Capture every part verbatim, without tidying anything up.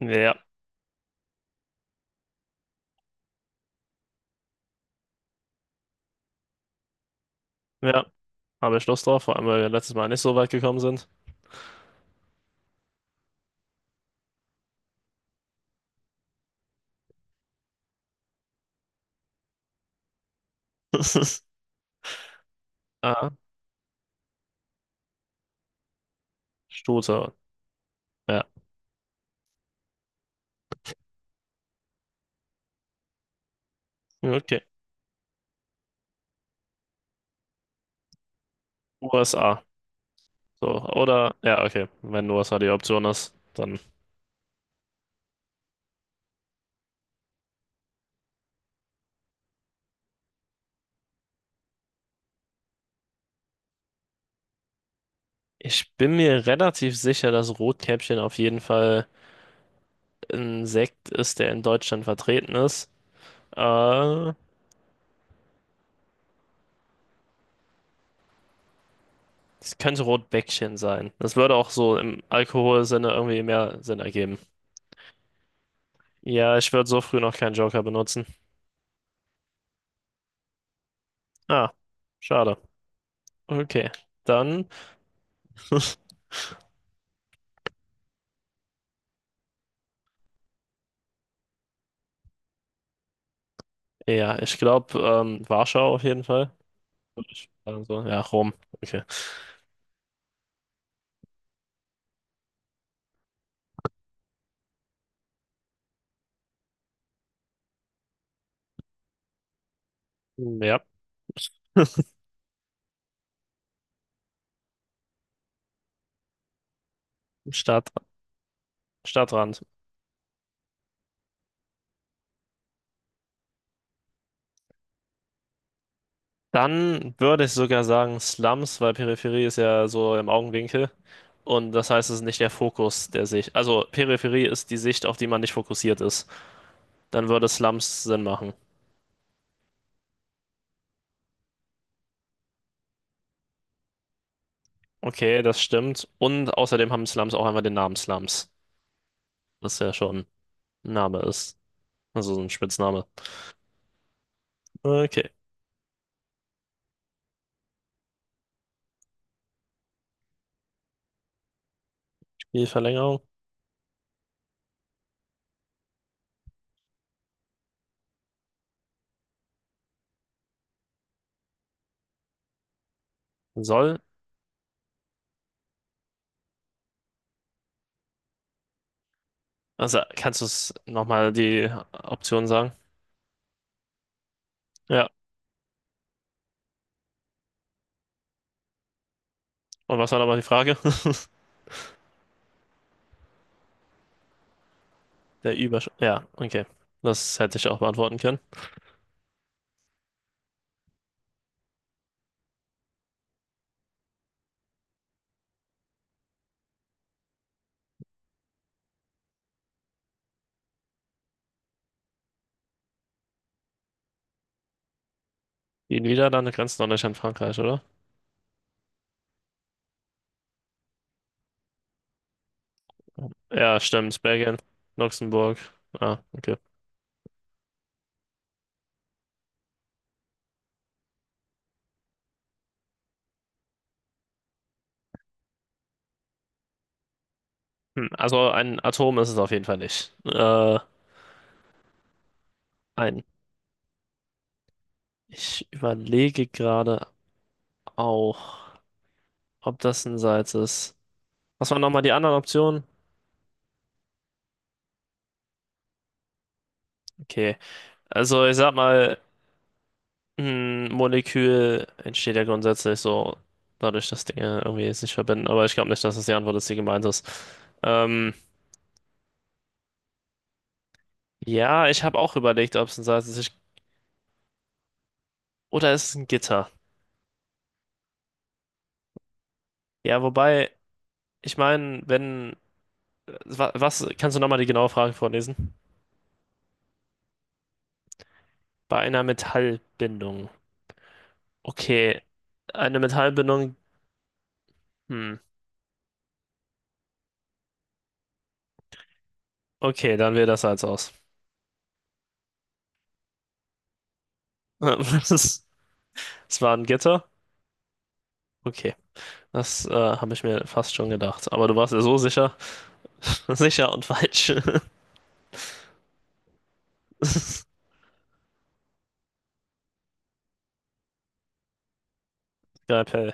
Ja, ja. Habe ich Lust drauf, vor allem weil wir letztes Mal nicht so weit gekommen sind. Ah, Shooter. Ja. Okay. U S A. So. Oder, ja, okay. Wenn U S A die Option ist, dann. Ich bin mir relativ sicher, dass Rotkäppchen auf jeden Fall ein Sekt ist, der in Deutschland vertreten ist. Äh, Es könnte Rotbäckchen sein. Das würde auch so im Alkoholsinne irgendwie mehr Sinn ergeben. Ja, ich würde so früh noch keinen Joker benutzen. Ah, schade. Okay. Dann. Ja, ich glaube, ähm, Warschau auf jeden Fall. Würde ich sagen so. Ja, Rom. Okay. Ja. Stadt, Stadtrand. Dann würde ich sogar sagen Slums, weil Peripherie ist ja so im Augenwinkel. Und das heißt, es ist nicht der Fokus der Sicht. Also Peripherie ist die Sicht, auf die man nicht fokussiert ist. Dann würde Slums Sinn machen. Okay, das stimmt. Und außerdem haben Slums auch einfach den Namen Slums. Was ja schon ein Name ist. Also so ein Spitzname. Okay. Die Verlängerung. Soll Also kannst du es nochmal die Option sagen? Ja. Und was war nochmal die Frage? Der Übersch... Ja, okay. Das hätte ich auch beantworten können. Die Niederlande grenzen doch nicht an Frankreich, oder? Ja, stimmt. Belgien, Luxemburg. Ah, okay. Hm, also ein Atom ist es auf jeden Fall nicht. Äh, ein. Ich überlege gerade auch, ob das ein Salz ist. Was waren nochmal die anderen Optionen? Okay. Also ich sag mal, ein Molekül entsteht ja grundsätzlich so dadurch, dass Dinge irgendwie sich verbinden, aber ich glaube nicht, dass das die Antwort ist, die gemeint ist. Ähm, ja, ich habe auch überlegt, ob es ein Salz ist. Ich, oder ist es ein Gitter? Ja, wobei, ich meine, wenn. Wa- was, kannst du nochmal die genaue Frage vorlesen? Bei einer Metallbindung. Okay, eine Metallbindung. Hm. Okay, dann wäre das Salz aus. Das ist, Es war ein Gitter? Okay, das äh, habe ich mir fast schon gedacht. Aber du warst ja so sicher. Sicher und falsch. Skalpell,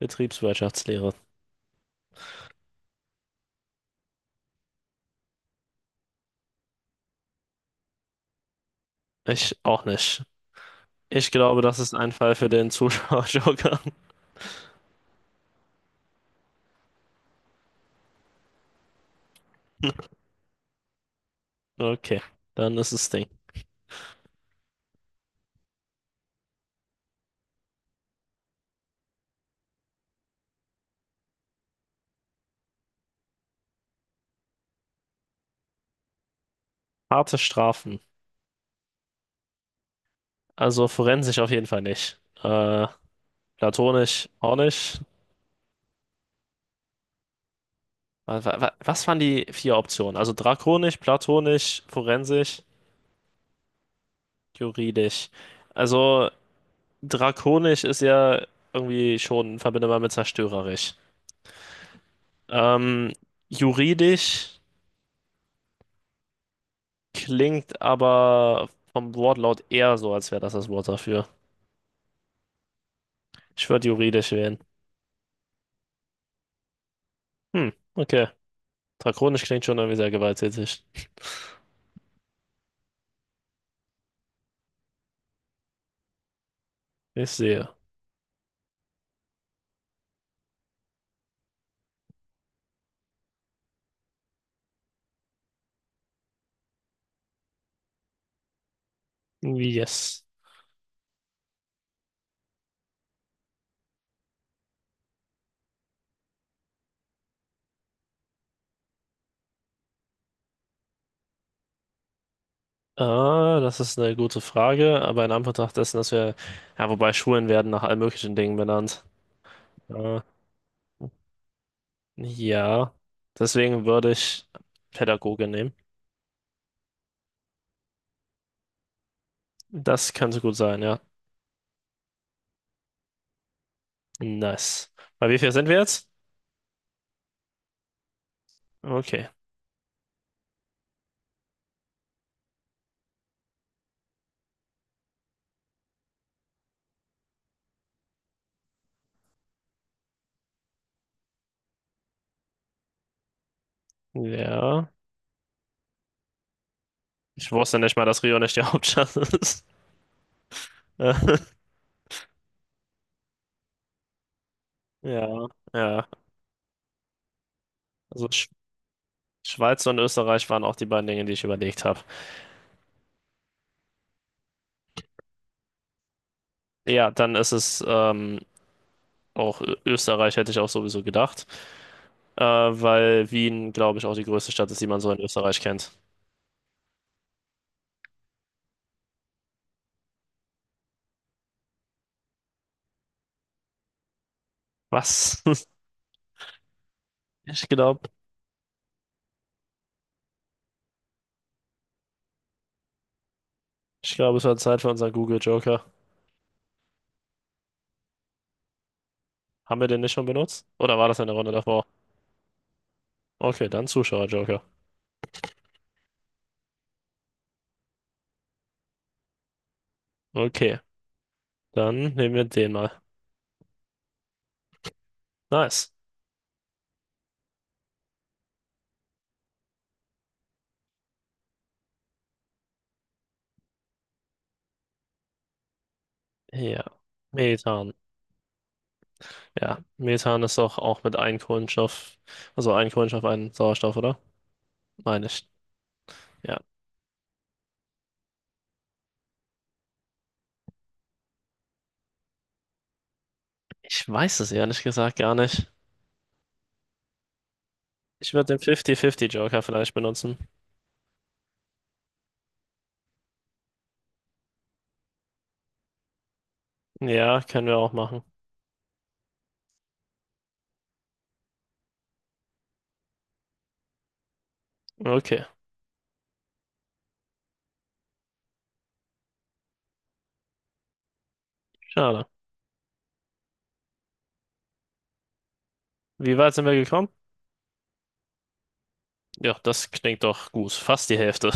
Betriebswirtschaftslehre. Ich auch nicht. Ich glaube, das ist ein Fall für den Zuschauer-Joker. Okay, dann ist es Ding. Harte Strafen. Also forensisch auf jeden Fall nicht. Äh, platonisch auch nicht. Wa- wa- wa- Was waren die vier Optionen? Also drakonisch, platonisch, forensisch, juridisch. Also drakonisch ist ja irgendwie schon verbindbar mit zerstörerisch. Ähm, Juridisch klingt aber vom Wortlaut eher so, als wäre das das Wort dafür. Ich würde juridisch wählen. Hm, okay. Drakonisch klingt schon irgendwie sehr gewalttätig. Ich sehe. Yes. Ah, das ist eine gute Frage, aber in Anbetracht dessen, dass wir, ja, wobei Schulen werden nach allen möglichen Dingen benannt. Ah, ja, deswegen würde ich Pädagoge nehmen. Das könnte gut sein, ja. Nice. Bei wie viel sind wir jetzt? Okay. Ja. Ich wusste nicht mal, dass Rio nicht die Hauptstadt ist. Ja, ja. Also Sch Schweiz und Österreich waren auch die beiden Dinge, die ich überlegt habe. Ja, dann ist es ähm, auch Ö- Österreich, hätte ich auch sowieso gedacht. Äh, weil Wien, glaube ich, auch die größte Stadt ist, die man so in Österreich kennt. Was? Ich glaube, ich glaube, es war Zeit für unseren Google Joker. Haben wir den nicht schon benutzt? Oder war das in der Runde davor? Okay, dann Zuschauer Joker. Okay, dann nehmen wir den mal. Nice. Ja. Methan. Ja, Methan ist doch auch mit einem Kohlenstoff, also ein Kohlenstoff, ein Sauerstoff, oder? Meine ich. Ja. Ich weiß es ehrlich gesagt gar nicht. Ich würde den fünfzig fünfzig-Joker vielleicht benutzen. Ja, können wir auch machen. Okay, schade. Wie weit sind wir gekommen? Ja, das klingt doch gut. Fast die Hälfte.